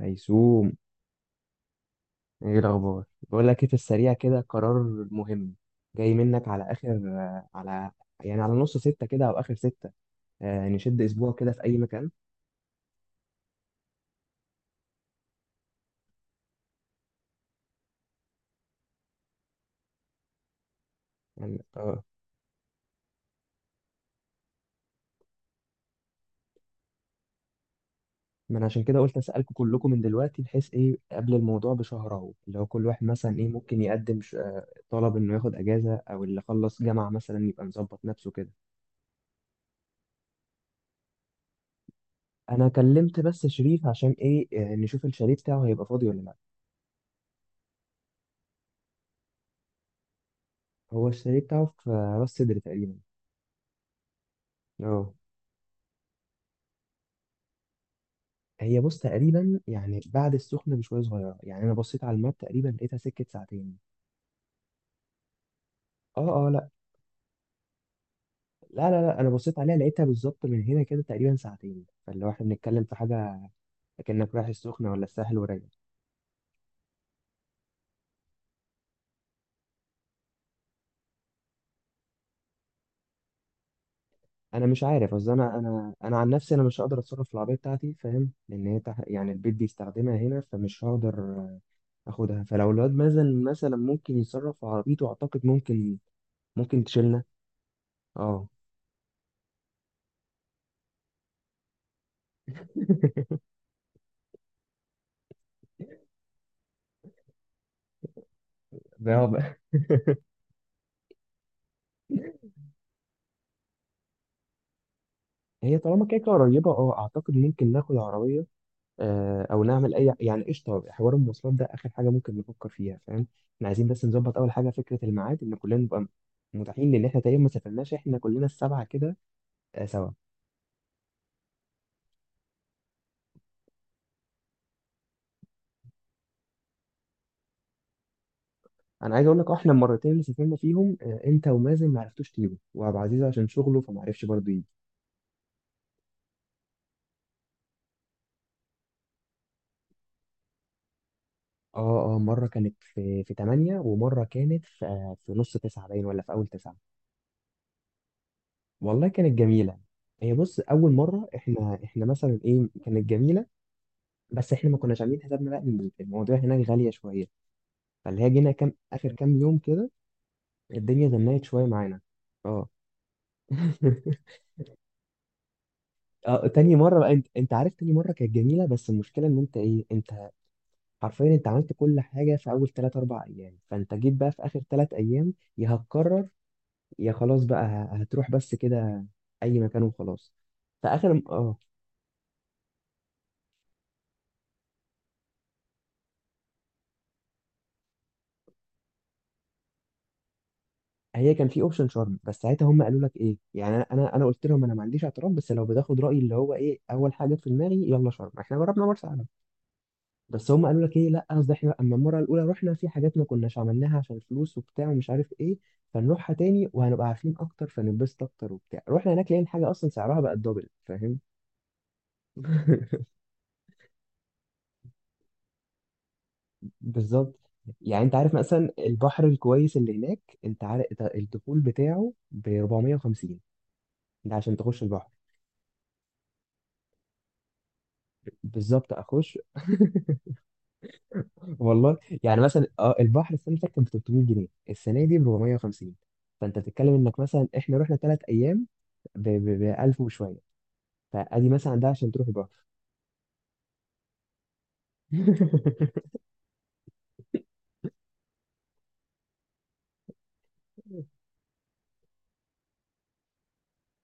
هيسوم، ايه الاخبار؟ بقول لك ايه، في السريع كده قرار مهم. جاي منك على اخر، على يعني على نص ستة كده او اخر ستة. آه، نشد اسبوع كده في اي مكان. يعني اه. ما انا عشان كده قلت اسالكم كلكم من دلوقتي بحيث ايه قبل الموضوع بشهر، اهو اللي هو كل واحد مثلا ايه ممكن يقدم طلب انه ياخد اجازة، او اللي خلص جامعة مثلا يبقى مظبط نفسه كده. انا كلمت بس شريف عشان ايه، نشوف الشاليه بتاعه هيبقى فاضي ولا لا. هو الشاليه بتاعه في راس سدر تقريبا. اه، هي بص تقريبا يعني بعد السخنة بشوية صغيرة، يعني أنا بصيت على الماب تقريبا لقيتها سكة ساعتين. اه، اه، لا. لا، لا، لا، أنا بصيت عليها لقيتها بالظبط من هنا كده تقريبا ساعتين، فاللي هو احنا بنتكلم في حاجة كأنك رايح السخنة ولا الساحل وراجع. أنا مش عارف، أصل أنا عن نفسي أنا مش هقدر أتصرف في العربية بتاعتي فاهم، لأن يعني البيت بيستخدمها هنا، فمش هقدر أخدها. فلو الواد مثلا ممكن يتصرف في عربيته أعتقد ممكن تشيلنا. اه. ده هو بقى. هي طالما كده كده قريبة، اه اعتقد ممكن ناخد عربية، او نعمل اي يعني. قشطة، حوار المواصلات ده اخر حاجة ممكن نفكر فيها فاهم. احنا عايزين بس نظبط اول حاجة، فكرة الميعاد ان كلنا نبقى متاحين، لان احنا تقريبا ما سافرناش احنا كلنا السبعة كده سوا. انا عايز اقول لك، احنا المرتين اللي سافرنا فيهم انت ومازن ما عرفتوش تيجوا، وابو عزيز عشان شغله فما عرفش برضه يجي. اه، اه، مرة كانت في 8، ومرة كانت في نص تسعة باين، ولا في اول تسعة. والله كانت جميلة. هي بص، أول مرة إحنا مثلا إيه كانت جميلة، بس إحنا ما كناش عاملين حسابنا بقى إن الموضوع هناك غالية شوية، فاللي هي جينا كام آخر كام يوم كده الدنيا زنقت شوية معانا. أه. أه، تاني مرة بقى أنت عارف تاني مرة كانت جميلة، بس المشكلة إن أنت حرفيا عملت كل حاجة في أول تلات أربع أيام، فأنت جيت بقى في آخر تلات أيام، يا هتكرر يا خلاص بقى هتروح بس كده أي مكان وخلاص. فآخر هي كان في اوبشن شرم، بس ساعتها هم قالوا لك ايه، يعني انا انا أنا قلت لهم انا ما عنديش اعتراض، بس لو بتاخد رايي اللي هو ايه اول حاجه في دماغي يلا شرم، احنا جربنا مرسى علم. بس هم قالوا لك ايه، لا قصدي احنا اما المره الاولى رحنا في حاجات ما كناش عملناها عشان فلوس وبتاع ومش عارف ايه، فنروحها تاني وهنبقى عارفين اكتر فننبسط اكتر وبتاع. رحنا هناك لقينا حاجه اصلا سعرها بقى الدبل فاهم. بالظبط. يعني انت عارف مثلا البحر الكويس اللي هناك، انت عارف الدخول بتاعه ب 450. ده عشان تخش البحر. بالظبط اخش. والله، يعني مثلا البحر السنه اللي فاتت كان ب 300 جنيه، السنه دي ب 450. فانت بتتكلم انك مثلا احنا رحنا ثلاث ايام ب ب 1000 وشويه، فادي مثلا ده عشان تروح البحر.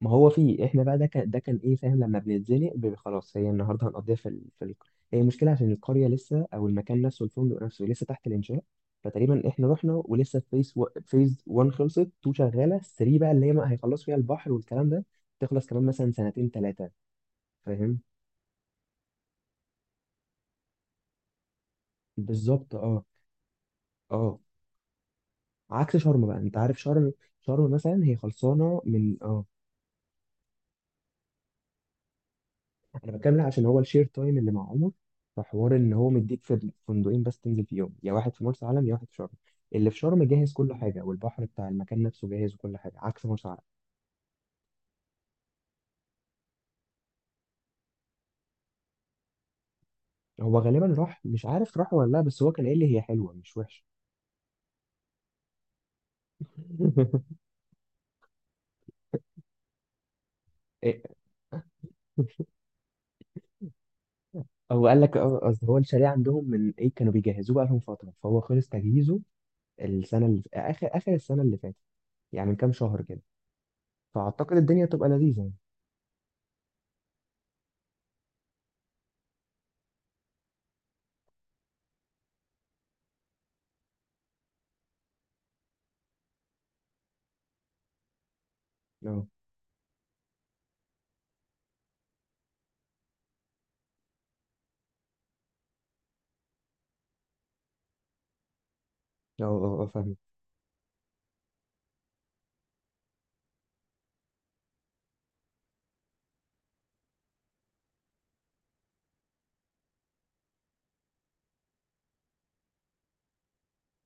ما هو فيه، احنا بقى ده كان ده كان ايه فاهم لما بنتزنق، خلاص هي النهارده هنقضيها هي المشكله عشان القريه لسه، او المكان نفسه الفندق نفسه لسه تحت الانشاء، فتقريبا احنا رحنا ولسه فيز 1 خلصت، 2 شغاله، 3 بقى اللي هي ما هيخلصوا فيها البحر والكلام ده، تخلص كمان مثلا سنتين ثلاثه. فاهم؟ بالظبط اه. اه، عكس شرم بقى، انت عارف شرم. شرم مثلا هي خلصانه من اه انا بتكلم لها عشان هو الشير تايم اللي مع عمر، فحوار ان هو مديك في فندقين بس تنزل فيهم، يا واحد في مرسى علم يا واحد في شرم. اللي في شرم جاهز كل حاجه، والبحر بتاع المكان نفسه جاهز، وكل حاجه عكس مرسى علم. هو غالبا راح، مش عارف راح ولا لا، بس هو كان قايل لي هي حلوه مش وحشه. إيه. هو قال لك، قصدي هو الشاليه عندهم من ايه كانوا بيجهزوه بقى لهم فتره، فهو خلص تجهيزه السنه اللي في اخر اخر السنه اللي فاتت، يعني من كام شهر كده. فاعتقد الدنيا تبقى لذيذه يعني. اه، اه، اه، فاهم.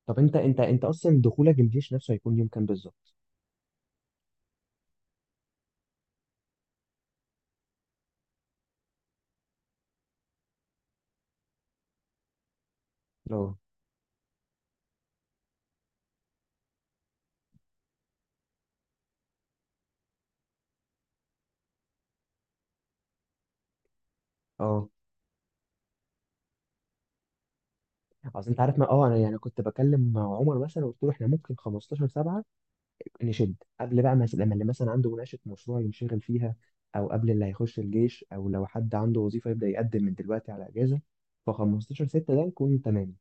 طب انت اصلا دخولك الجيش نفسه هيكون يوم كام بالظبط؟ اه، اه. اصل انت عارف، ما انا يعني كنت بكلم مع عمر مثلا وقلت له احنا ممكن 15 7 نشد، قبل بقى مثلا لما اللي مثلا عنده مناقشه مشروع ينشغل فيها، او قبل اللي هيخش الجيش، او لو حد عنده وظيفه يبدا يقدم من دلوقتي على اجازه. ف 15 6 ده يكون تمام.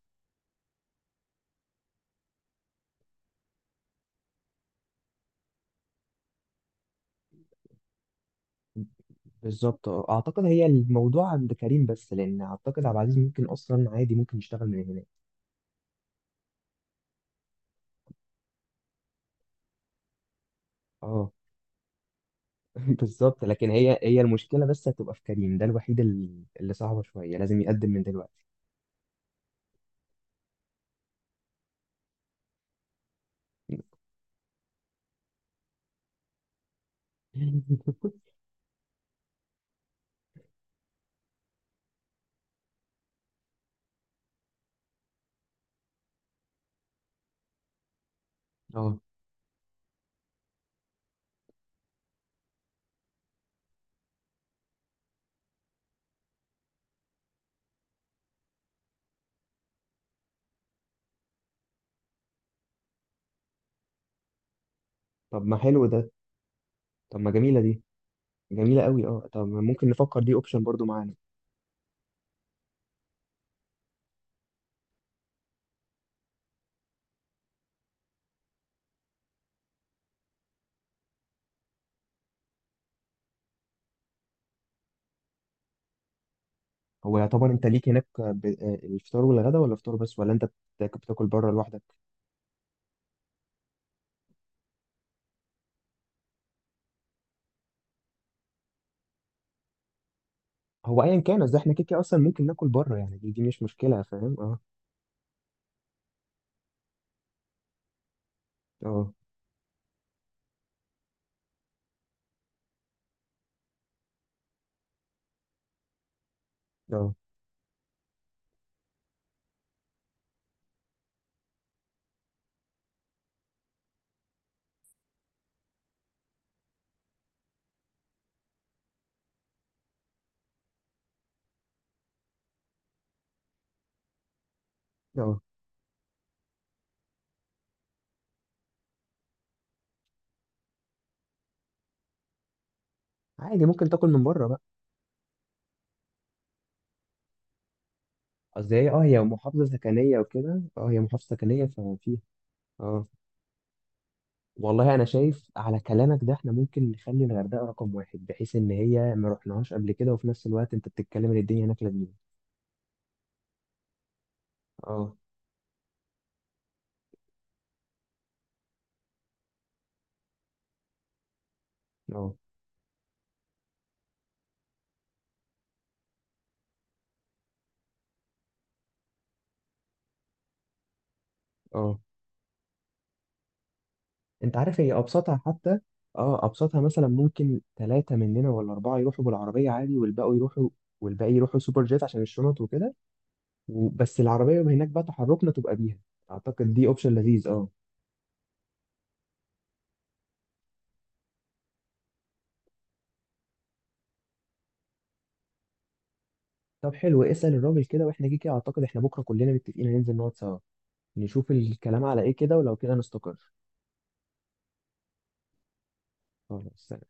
بالظبط اه. اعتقد هي الموضوع عند كريم بس، لان اعتقد عبد العزيز ممكن اصلا عادي ممكن يشتغل من هناك. اه. بالظبط، لكن هي، هي المشكله بس هتبقى في كريم، ده الوحيد ال- اللي صعبه شويه لازم يقدم من دلوقتي. اه، طب ما حلو ده. طب ما جميله دي، جميله قوي اه. طب ما ممكن نفكر دي اوبشن برضو معانا. هو يعتبر انت ليك هناك ب... آه، الفطار والغدا، ولا فطار بس، ولا انت بتاكل بره لوحدك؟ هو ايا كان، اصل احنا كده كده اصلا ممكن ناكل بره، يعني دي مش مشكله فاهم اه. اه، اه، اه، عادي ممكن تاكل من بره بقى. قصدي هي، هي محافظه سكنيه وكده، اه هي محافظه سكنيه ففيها اه. والله انا شايف على كلامك ده احنا ممكن نخلي الغردقه رقم واحد، بحيث ان هي ما رحناهاش قبل كده، وفي نفس الوقت انت بتتكلم ان الدنيا هناك لذيذه. اه، اه، اه، انت عارف هي ابسطها حتى. اه، ابسطها مثلا ممكن ثلاثه مننا ولا اربعه يروحوا بالعربيه عادي، والباقي يروحوا سوبر جيت عشان الشنط وكده. وبس العربيه يبقى هناك بقى تحركنا تبقى بيها. اعتقد دي اوبشن لذيذ اه. طب حلو، اسال الراجل كده، واحنا كده كده اعتقد احنا بكره كلنا متفقين هننزل نقعد سوا، نشوف الكلام على ايه كده ولو كده نستقر. خلاص.